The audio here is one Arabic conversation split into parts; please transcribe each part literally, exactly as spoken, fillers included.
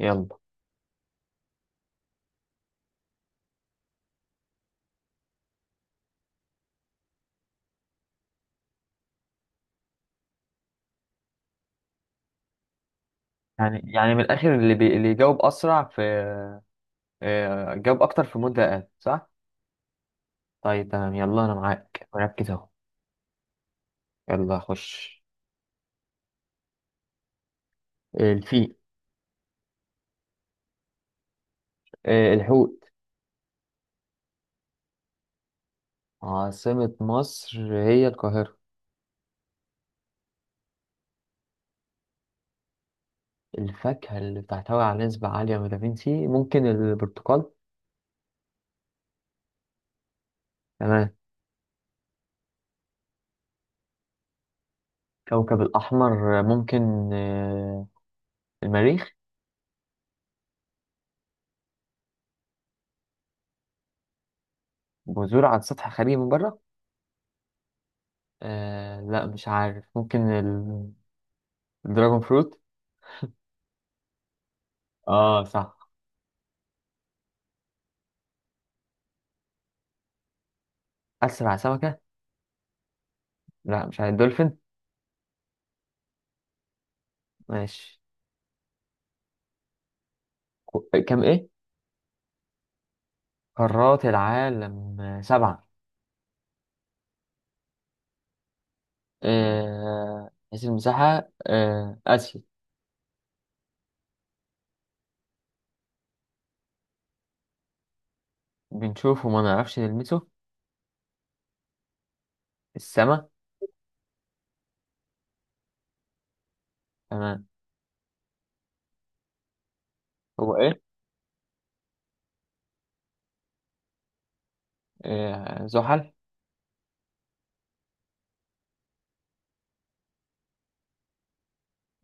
يلا. يعني يعني من الاخر اللي بي... اللي يجاوب اسرع في آه، جاوب اكتر في مدة اقل صح. طيب تمام، يلا انا معاك مركز اهو. يلا خش. الفيل. آه، الحوت. عاصمة مصر هي القاهرة. الفاكهة اللي بتحتوي على نسبة عالية من فيتامين سي ممكن البرتقال. تمام. كوكب الأحمر، آه، ممكن آه، المريخ. بذور على سطح خالي من بره. آه لا مش عارف، ممكن ال- الدراجون فروت. اه صح. أسرع سمكة. لا مش عارف، دولفين. ماشي. كو- كام ايه؟ قارات العالم آه، سبعة. آه، حيث المساحة آه، آسيا. بنشوفه وما نعرفش نلمسه. السما. تمام. هو ايه؟ آه، زحل.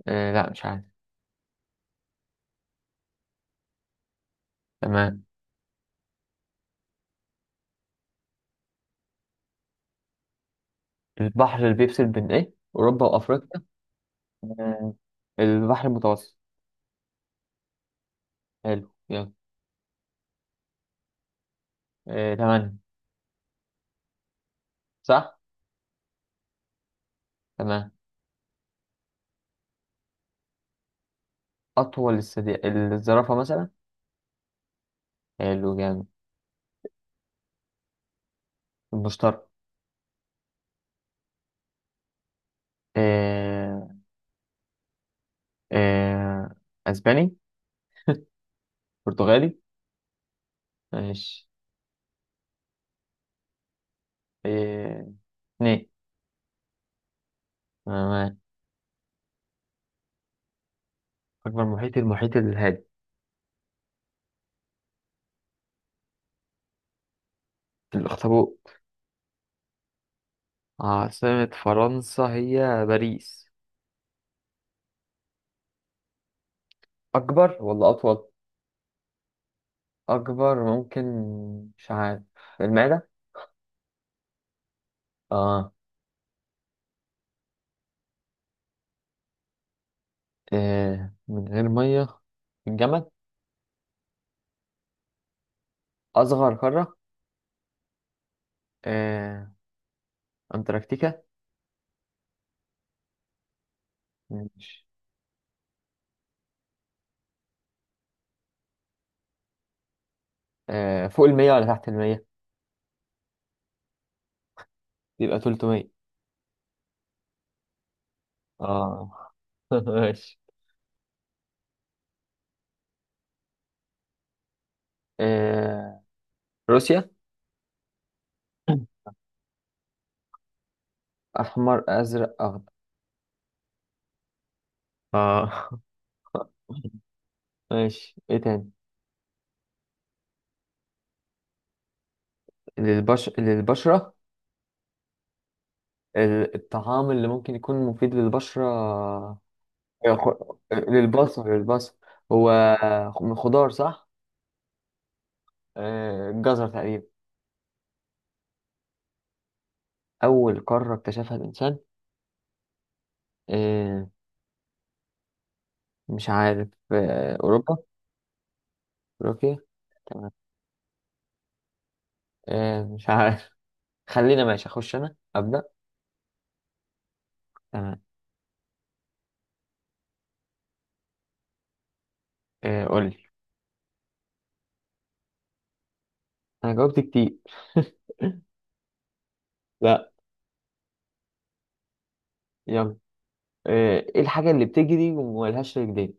آه، لا مش عارف. تمام. البحر اللي بيفصل بين ايه أوروبا وأفريقيا. آه، البحر المتوسط. حلو يلا. آه، تمام. صح. تمام. أطول الثدي، الزرافة مثلا. حلو جامد. المشترك. آه، آه، أسباني. برتغالي. ماشي. إيه. اتنين. أنا معاك. أكبر محيط المحيط الهادي. الأخطبوط. عاصمة فرنسا هي باريس. أكبر ولا أطول؟ أكبر ممكن. مش عارف. المعدة؟ آه. إيه. من غير مية، الجمل. أصغر قارة. إيه. أنتاركتيكا. ماشي. إيه. فوق المية ولا تحت المية؟ يبقى تلتمية. آه ماشي. إيه. روسيا. أحمر أزرق أخضر. آه ماشي ايه تاني؟ للبش... للبشرة. ال- الطعام اللي ممكن يكون مفيد للبشرة. آه، خ- للبصر، للبصر هو. من خضار صح؟ آه، الجزر تقريبا. أول قارة اكتشفها الإنسان، آه، مش عارف، آه، أوروبا. أوروبيا. تمام. آه، مش عارف. خلينا ماشي، أخش أنا أبدأ. تمام. آه، قولي. أنا جاوبت كتير. لا. يلا. آه، إيه الحاجة اللي بتجري وملهاش رجلين؟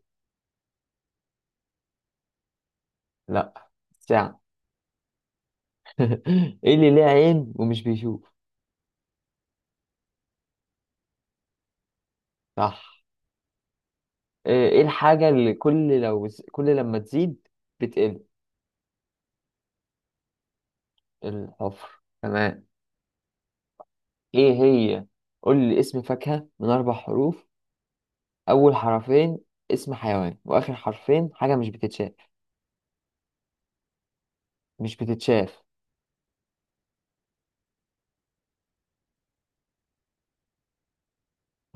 لا. ساعة. ايه اللي ليه عين ومش بيشوف؟ صح. ايه إيه الحاجة اللي كل لو كل لما تزيد بتقل؟ الحفر تمام. ايه هي؟ قول لي اسم فاكهة من اربع حروف، اول حرفين اسم حيوان، واخر حرفين حاجة مش بتتشاف. مش بتتشاف.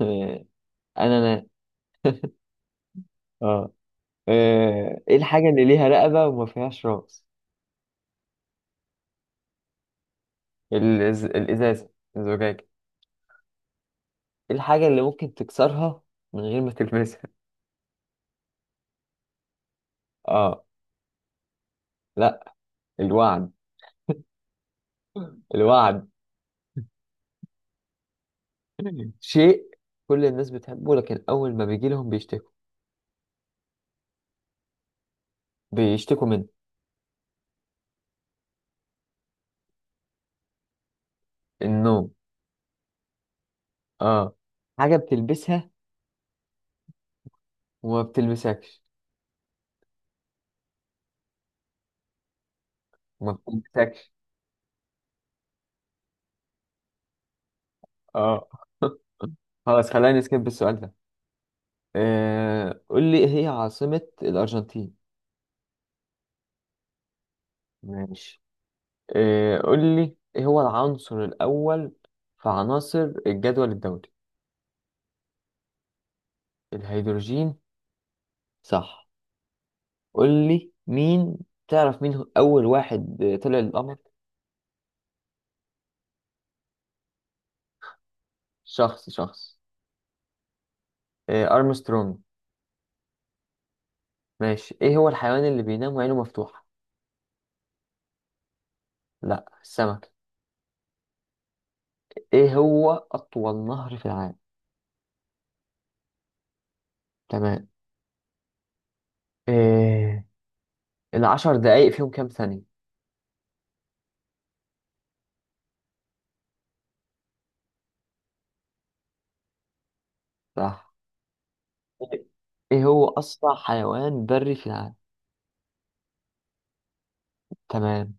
انا انا. اه. آه، ايه الحاجة اللي ليها رقبة وما فيهاش راس؟ الإز... الازازة، الزجاجة. ايه الحاجة اللي ممكن تكسرها من غير ما تلمسها؟ اه. لا. الوعد. الوعد. شيء كل الناس بتحبه لكن أول ما بيجي لهم بيشتكوا. بيشتكوا منه. النوم. اه. حاجة بتلبسها وما بتلبسكش. وما بتلبسكش. اه. خلاص خلينا نسكيب السؤال ده. آه قول لي إيه هي عاصمة الأرجنتين؟ ماشي. آه قول لي إيه هو العنصر الأول في عناصر الجدول الدوري؟ الهيدروجين، صح. قول لي مين، تعرف مين هو أول واحد آه، طلع للقمر؟ شخص، شخص. آه أرمسترونج. ماشي. ايه هو الحيوان اللي بينام وعينه مفتوحة؟ لا السمك. ايه هو اطول نهر في العالم؟ تمام. إيه العشر دقايق فيهم كام ثانية؟ صح. ايه هو اسرع حيوان بري في العالم؟ تمام.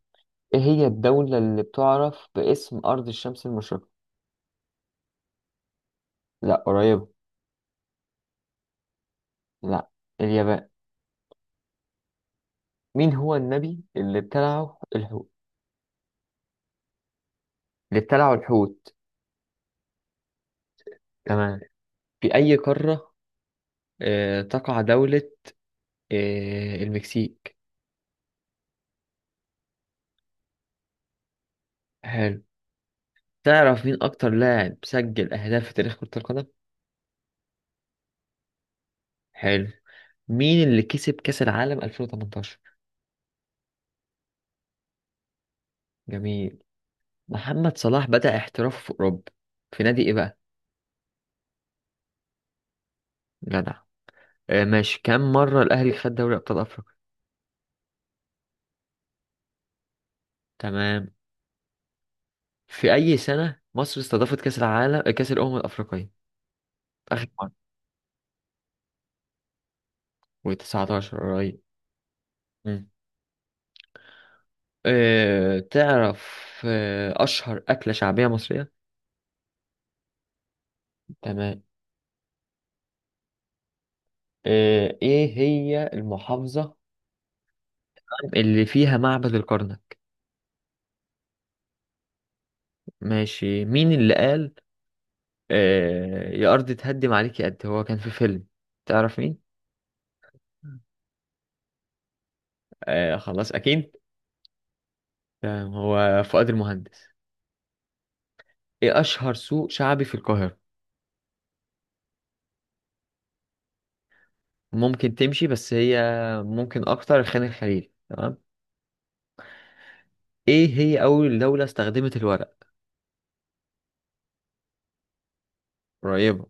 ايه هي الدولة اللي بتعرف باسم ارض الشمس المشرقة؟ لا قريبة. لا. اليابان. مين هو النبي اللي ابتلعه الحوت؟ اللي ابتلعه الحوت. تمام. في اي قارة آه تقع دولة آه المكسيك؟ حلو. تعرف مين أكتر لاعب سجل أهداف في تاريخ كرة القدم؟ حلو. مين اللي كسب كأس العالم ألفين وتمنتاشر؟ جميل. محمد صلاح بدأ احترافه في أوروبا، في نادي إيه بقى؟ جدع. آه ماشي، كم مرة الأهلي خد دوري أبطال أفريقيا؟ تمام. في أي سنة مصر استضافت كأس العالم، آه، كأس الأمم الأفريقية؟ آخر مرة، وتسعتاشر قريب. مم. آه تعرف آه أشهر أكلة شعبية مصرية؟ تمام. آه إيه هي المحافظة اللي فيها معبد الكرنك؟ ماشي. مين اللي قال آه يا أرض تهدم عليك يا قد؟ هو كان في فيلم، تعرف مين؟ آه خلاص أكيد. تمام، هو فؤاد المهندس. إيه أشهر سوق شعبي في القاهرة؟ ممكن تمشي بس هي، ممكن أكتر خان الخليل. تمام. إيه هي أول دولة استخدمت الورق؟ قريبة.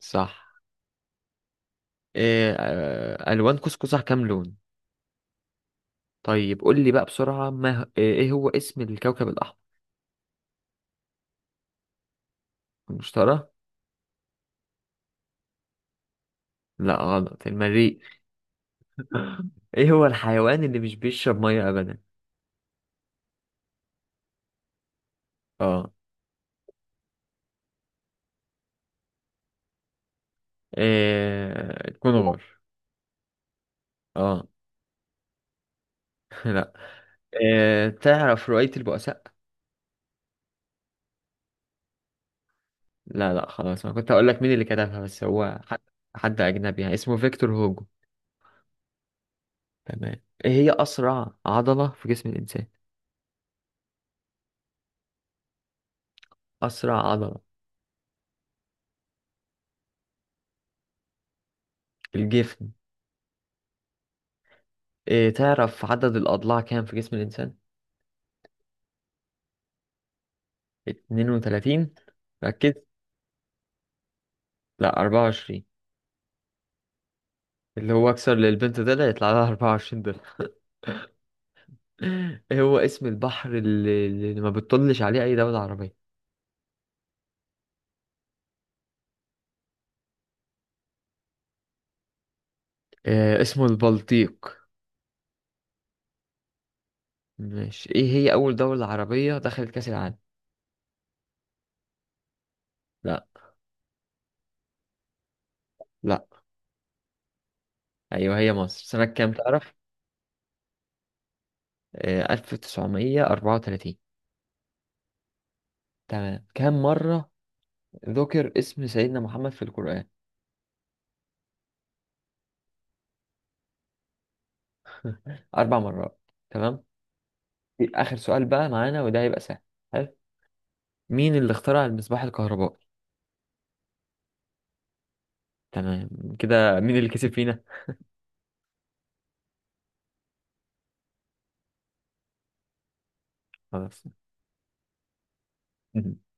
صح. إيه آه ألوان قوس قزح كام لون؟ طيب قول لي بقى بسرعة ما إيه هو اسم الكوكب الأحمر؟ المشتري. لا غلط، المريخ. ايه هو الحيوان اللي مش بيشرب ميه ابدا؟ اه. إيه... كنغر. اه. لا. إيه... تعرف رواية البؤساء؟ لا لا خلاص، انا كنت اقول لك مين اللي كتبها، بس هو حد، حد اجنبي يعني، اسمه فيكتور هوجو. تمام. ايه هي اسرع عضلة في جسم الانسان؟ اسرع عضلة. الجفن. إيه... تعرف عدد الاضلاع كام في جسم الانسان؟ اتنين وتلاتين، ركز. لا أربعة وعشرين. اللي هو اكثر للبنت، ده اللي يطلع لها أربعة وعشرين. هو اسم البحر اللي, اللي ما بتطلش عليه أي دولة عربية؟ آه اسمه البلطيق. ماشي. إيه هي أول دولة عربية دخلت كأس العالم؟ لا. لا. أيوه هي مصر، سنة كام تعرف؟ آه ألف وتسعمية وأربعة وتلاتين. تمام. كم مرة ذكر اسم سيدنا محمد في القرآن؟ أربع مرات. تمام. آخر سؤال بقى معانا، وده هيبقى سهل. حلو. مين اللي اخترع المصباح الكهربائي؟ تمام. كده مين اللي كسب فينا؟ خلاص.